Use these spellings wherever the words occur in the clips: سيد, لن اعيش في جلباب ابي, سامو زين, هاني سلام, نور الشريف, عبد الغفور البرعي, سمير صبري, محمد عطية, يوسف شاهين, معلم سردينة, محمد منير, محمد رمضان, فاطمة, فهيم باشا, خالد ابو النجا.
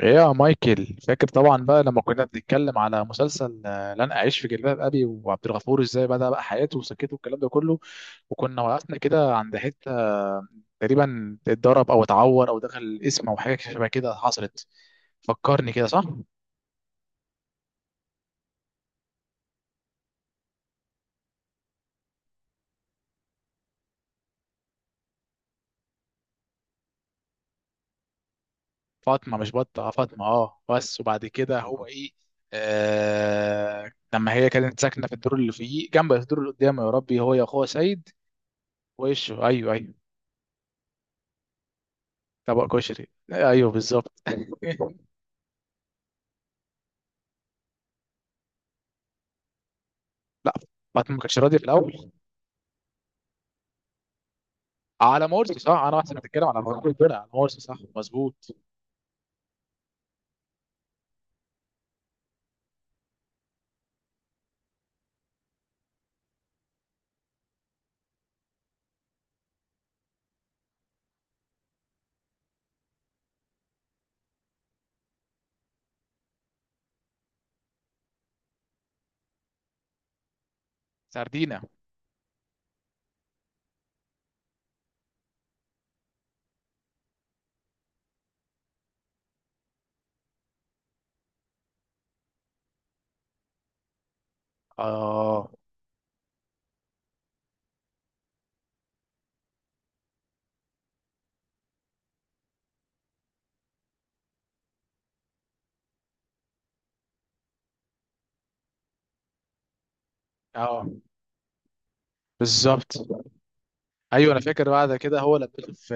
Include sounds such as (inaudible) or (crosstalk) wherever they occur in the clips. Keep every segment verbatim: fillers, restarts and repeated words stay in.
ايه يا مايكل، فاكر طبعا بقى لما كنا بنتكلم على مسلسل آه، لن اعيش في جلباب ابي، وعبد الغفور ازاي بدأ بقى حياته وسكته والكلام ده كله. وكنا وقفنا كده عند حته آه، تقريبا اتضرب او اتعور او دخل القسم او حاجه شبه كده حصلت. فكرني كده، صح؟ فاطمه مش بطه. آه، فاطمه، اه بس وبعد كده هو ايه؟ آه لما هي كانت ساكنه في الدور اللي فوقيه، جنب الدور اللي قدامه، يا ربي، هو يا اخوها سيد. وش، ايوه ايوه. طبق كشري، ايوه بالظبط. (laughs) لا، باتمان ما كانش راضي في الاول. على مورسي، صح، انا احسن بتتكلم على مورسي على مورسي، صح، مظبوط. سردينا. اه اه. بالظبط. ايوه، انا فاكر بعد كده هو لبسه في.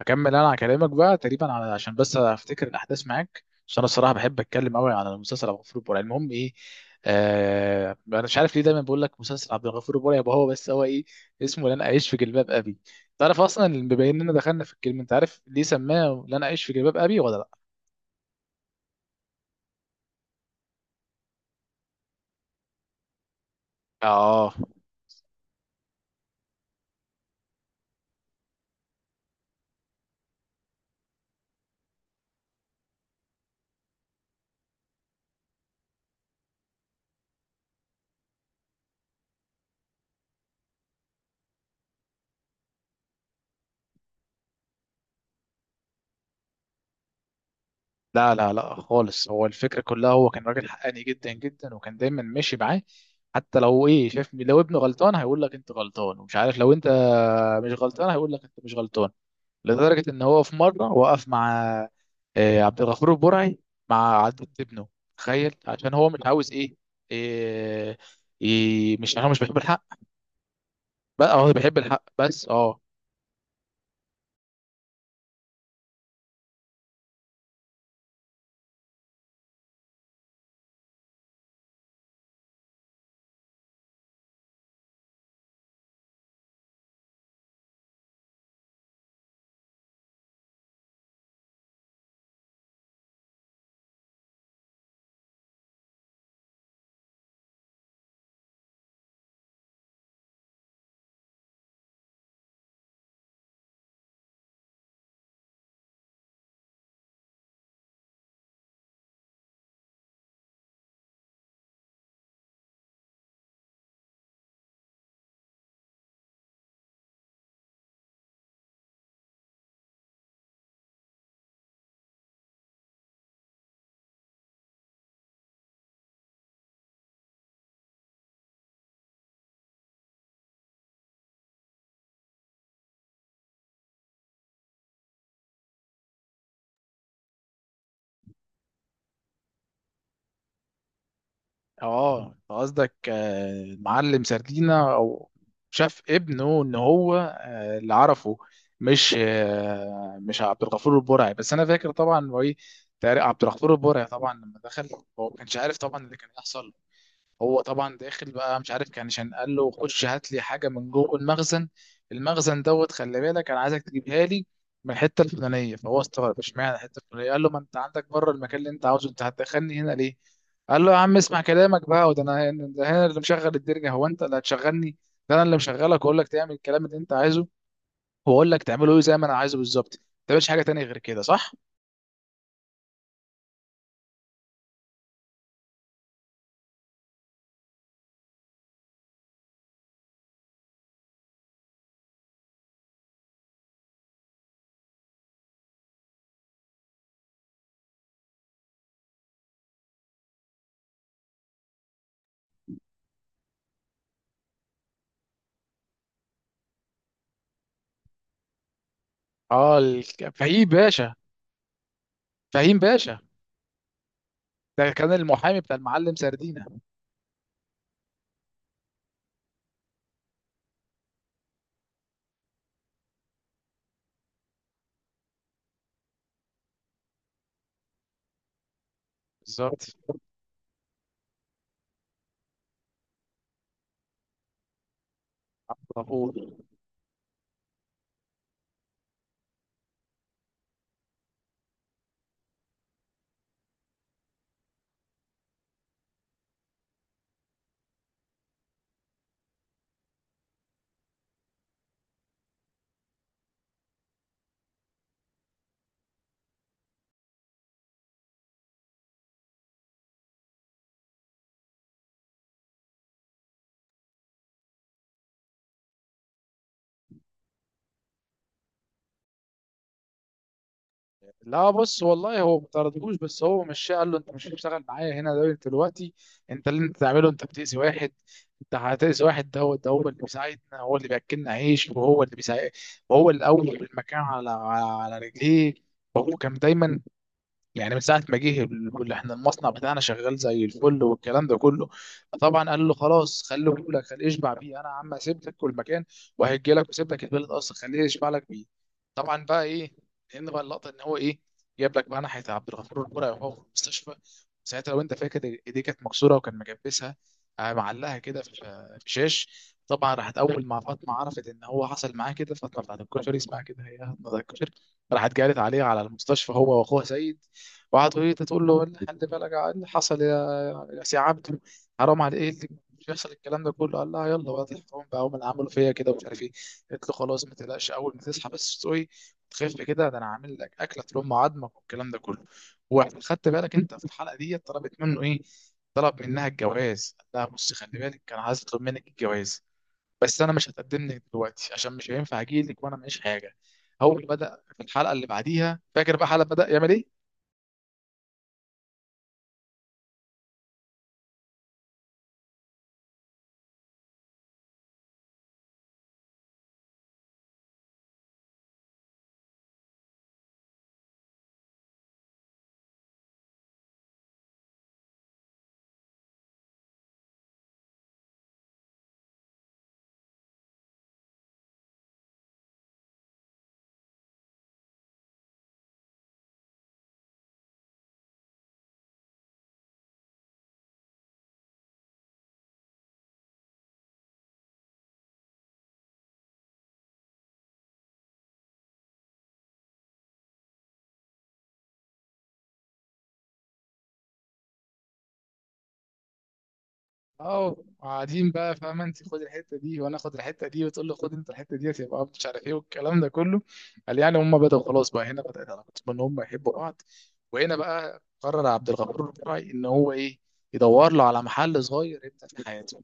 اكمل انا على كلامك بقى تقريبا، على عشان بس افتكر الاحداث معاك، عشان انا الصراحه بحب اتكلم قوي على المسلسل عبد الغفور البرعي. المهم، ايه، آه انا مش عارف ليه دايما بقول لك مسلسل عبد الغفور البرعي، يبقى هو، بس هو ايه، اسمه لن اعيش في جلباب ابي. تعرف اصلا، بما اننا دخلنا في الكلمه، انت عارف ليه سماه لن اعيش في جلباب ابي ولا لا؟ اه. لا لا لا، خالص. هو الفكرة كلها، هو كان راجل حقاني جدا جدا، وكان دايما ماشي معاه. حتى لو ايه، شايف لو ابنه غلطان هيقول لك انت غلطان، ومش عارف لو انت مش غلطان هيقول لك انت مش غلطان. لدرجة ان هو في مرة وقف مع آه، عبد الغفور البرعي، مع عدة ابنه. تخيل عشان هو مش عاوز ايه, إيه, إيه، مش عشان هو مش بيحب الحق، بقى هو بيحب الحق، بس اه اه، أنت قصدك آه، معلم سردينة، او شاف ابنه ان هو، آه، اللي عرفه، مش آه، مش عبد الغفور البرعي، بس انا فاكر طبعا هو ايه. تقريبا عبد الغفور البرعي طبعا لما دخل، هو ما كانش عارف طبعا اللي كان هيحصل. هو طبعا داخل بقى مش عارف، كان عشان قال له: خش هات لي حاجه من جوه المخزن. المخزن دوت، خلي بالك، انا عايزك تجيبها لي من الحته الفلانيه. فهو استغرب اشمعنى الحته الفلانيه، قال له: ما انت عندك بره المكان اللي انت عاوزه، انت هتدخلني هنا ليه؟ قال له: يا عم، اسمع كلامك بقى، وده انا ده انا اللي مشغل الدرجه، هو انت اللي هتشغلني؟ ده انا اللي مشغلك، واقول لك تعمل الكلام اللي انت عايزه، واقول لك تعمله ايه زي ما انا عايزه بالظبط، ما تعملش حاجه تانية غير كده، صح؟ اه، ال- فهيم باشا. فهيم باشا ده كان المحامي بتاع المعلم سردينة. بالظبط. طابور. لا، بص والله، هو ما طردهوش، بس هو مشاه قال له: انت مش هتشتغل معايا هنا ده دلوقتي. انت اللي انت تعمله، انت بتأذي واحد، انت هتأذي واحد، ده هو ده هو اللي بيساعدنا، هو اللي بياكلنا عيش، وهو اللي بيساعد. وهو الاول في المكان، على على على رجليه. وهو كان دايما يعني من ساعه ما جه، اللي احنا المصنع بتاعنا شغال زي الفل والكلام ده كله. طبعا قال له: خلاص، خليه يقول لك، خليه يشبع بيه، انا يا عم سيبتك والمكان وهيجي لك، وسيب لك البلد اصلا، خليه يشبع لك بيه. طبعا بقى ايه، لان بقى اللقطه ان هو ايه، جاب لك بقى ناحيه عبد الغفور البرعي وهو في المستشفى. ساعتها لو انت فاكر، ايديه كانت مكسوره وكان مجبسها، آه، معلقها كده في في شاش. طبعا راحت اول ما فاطمه عرفت ان هو حصل معاه كده، فاطمه بتاعت الكشري، اسمها كده هي، فاطمة بتاعت الكشري. راحت جالت عليه على المستشفى، هو واخوها سيد. وقعد يقول، تقول له: (laughs) إيه اللي- خلي بالك، إيه اللي حصل يا يا سي عبده؟ حرام، على ايه اللي مش يحصل، الكلام ده كله؟ قال لها: يلا بقى الحرام بقى، هم اللي عملوا فيا كده ومش عارف ايه. قلت له: خلاص، ما تقلقش، اول ما تصحى بس، تقوي، تخف كده، ده انا عامل لك اكله تلم عظمك والكلام ده كله. وخدت بالك انت في الحلقه دي طلبت منه ايه؟ طلب منها الجواز. قال لها: بصي، خلي بالك، انا عايز اطلب منك الجواز، بس انا مش هتقدم لك دلوقتي عشان مش هينفع اجي لك وانا معيش حاجه. اول ما بدا في الحلقه اللي بعديها، فاكر بقى حلقه بدا يعمل ايه؟ اه. قاعدين بقى، فاهمه، انت خد الحته دي وانا اخد الحته دي، وتقول لي: خد انت الحته دي، يبقى مش عارف ايه والكلام ده كله. قال يعني هم بداوا. خلاص بقى هنا بدات علاقتهم ان هم يحبوا بعض. وهنا بقى قرر عبد الغفور البرعي ان هو ايه، يدور له على محل صغير يبدا في حياته.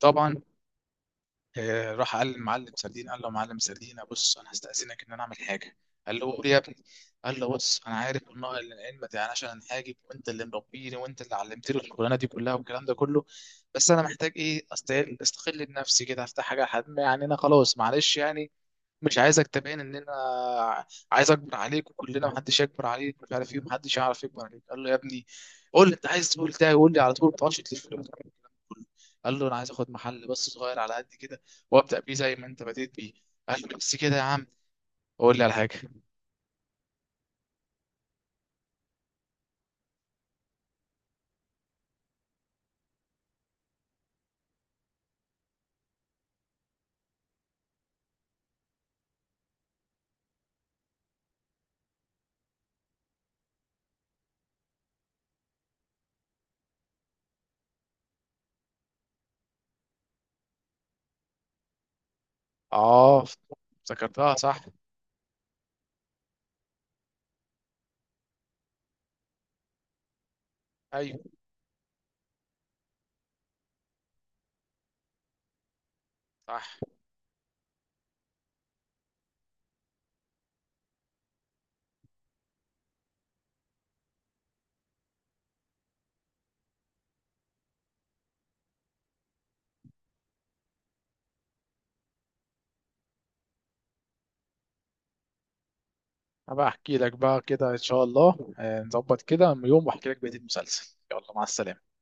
طبعا آه، راح قال للمعلم سردين، قال له: معلم سردين، بص، انا هستأذنك ان انا اعمل حاجه. قال له: قول يا ابني. قال له: بص، انا عارف ان العلم ما تعناش عن حاجه، وانت اللي مربيني، وانت اللي علمتني الشغلانه دي كلها والكلام ده كله، بس انا محتاج ايه، استقل استقل بنفسي كده، افتح حاجه لحد ما يعني انا خلاص، معلش يعني مش عايزك تبين ان انا عايز اكبر عليك، وكلنا محدش يكبر عليك، مش عارف ايه، محدش يعرف يكبر عليك. قال له: يا ابني، قول لي انت عايز تقول ده، قول لي على طول، ما تقعدش تلف لي وتعمل الكلام كله. قال له: انا عايز اخد محل بس صغير على قد كده، وابدا بيه زي ما انت بديت بيه. قال له: بس كده يا عم؟ قول لي على حاجه. اه، افتكرتها، صح. ايوه، صح. هبقى احكي لك بقى كده ان شاء الله، آه، نظبط كده يوم واحكي لك بقيه المسلسل. يلا، مع السلامه.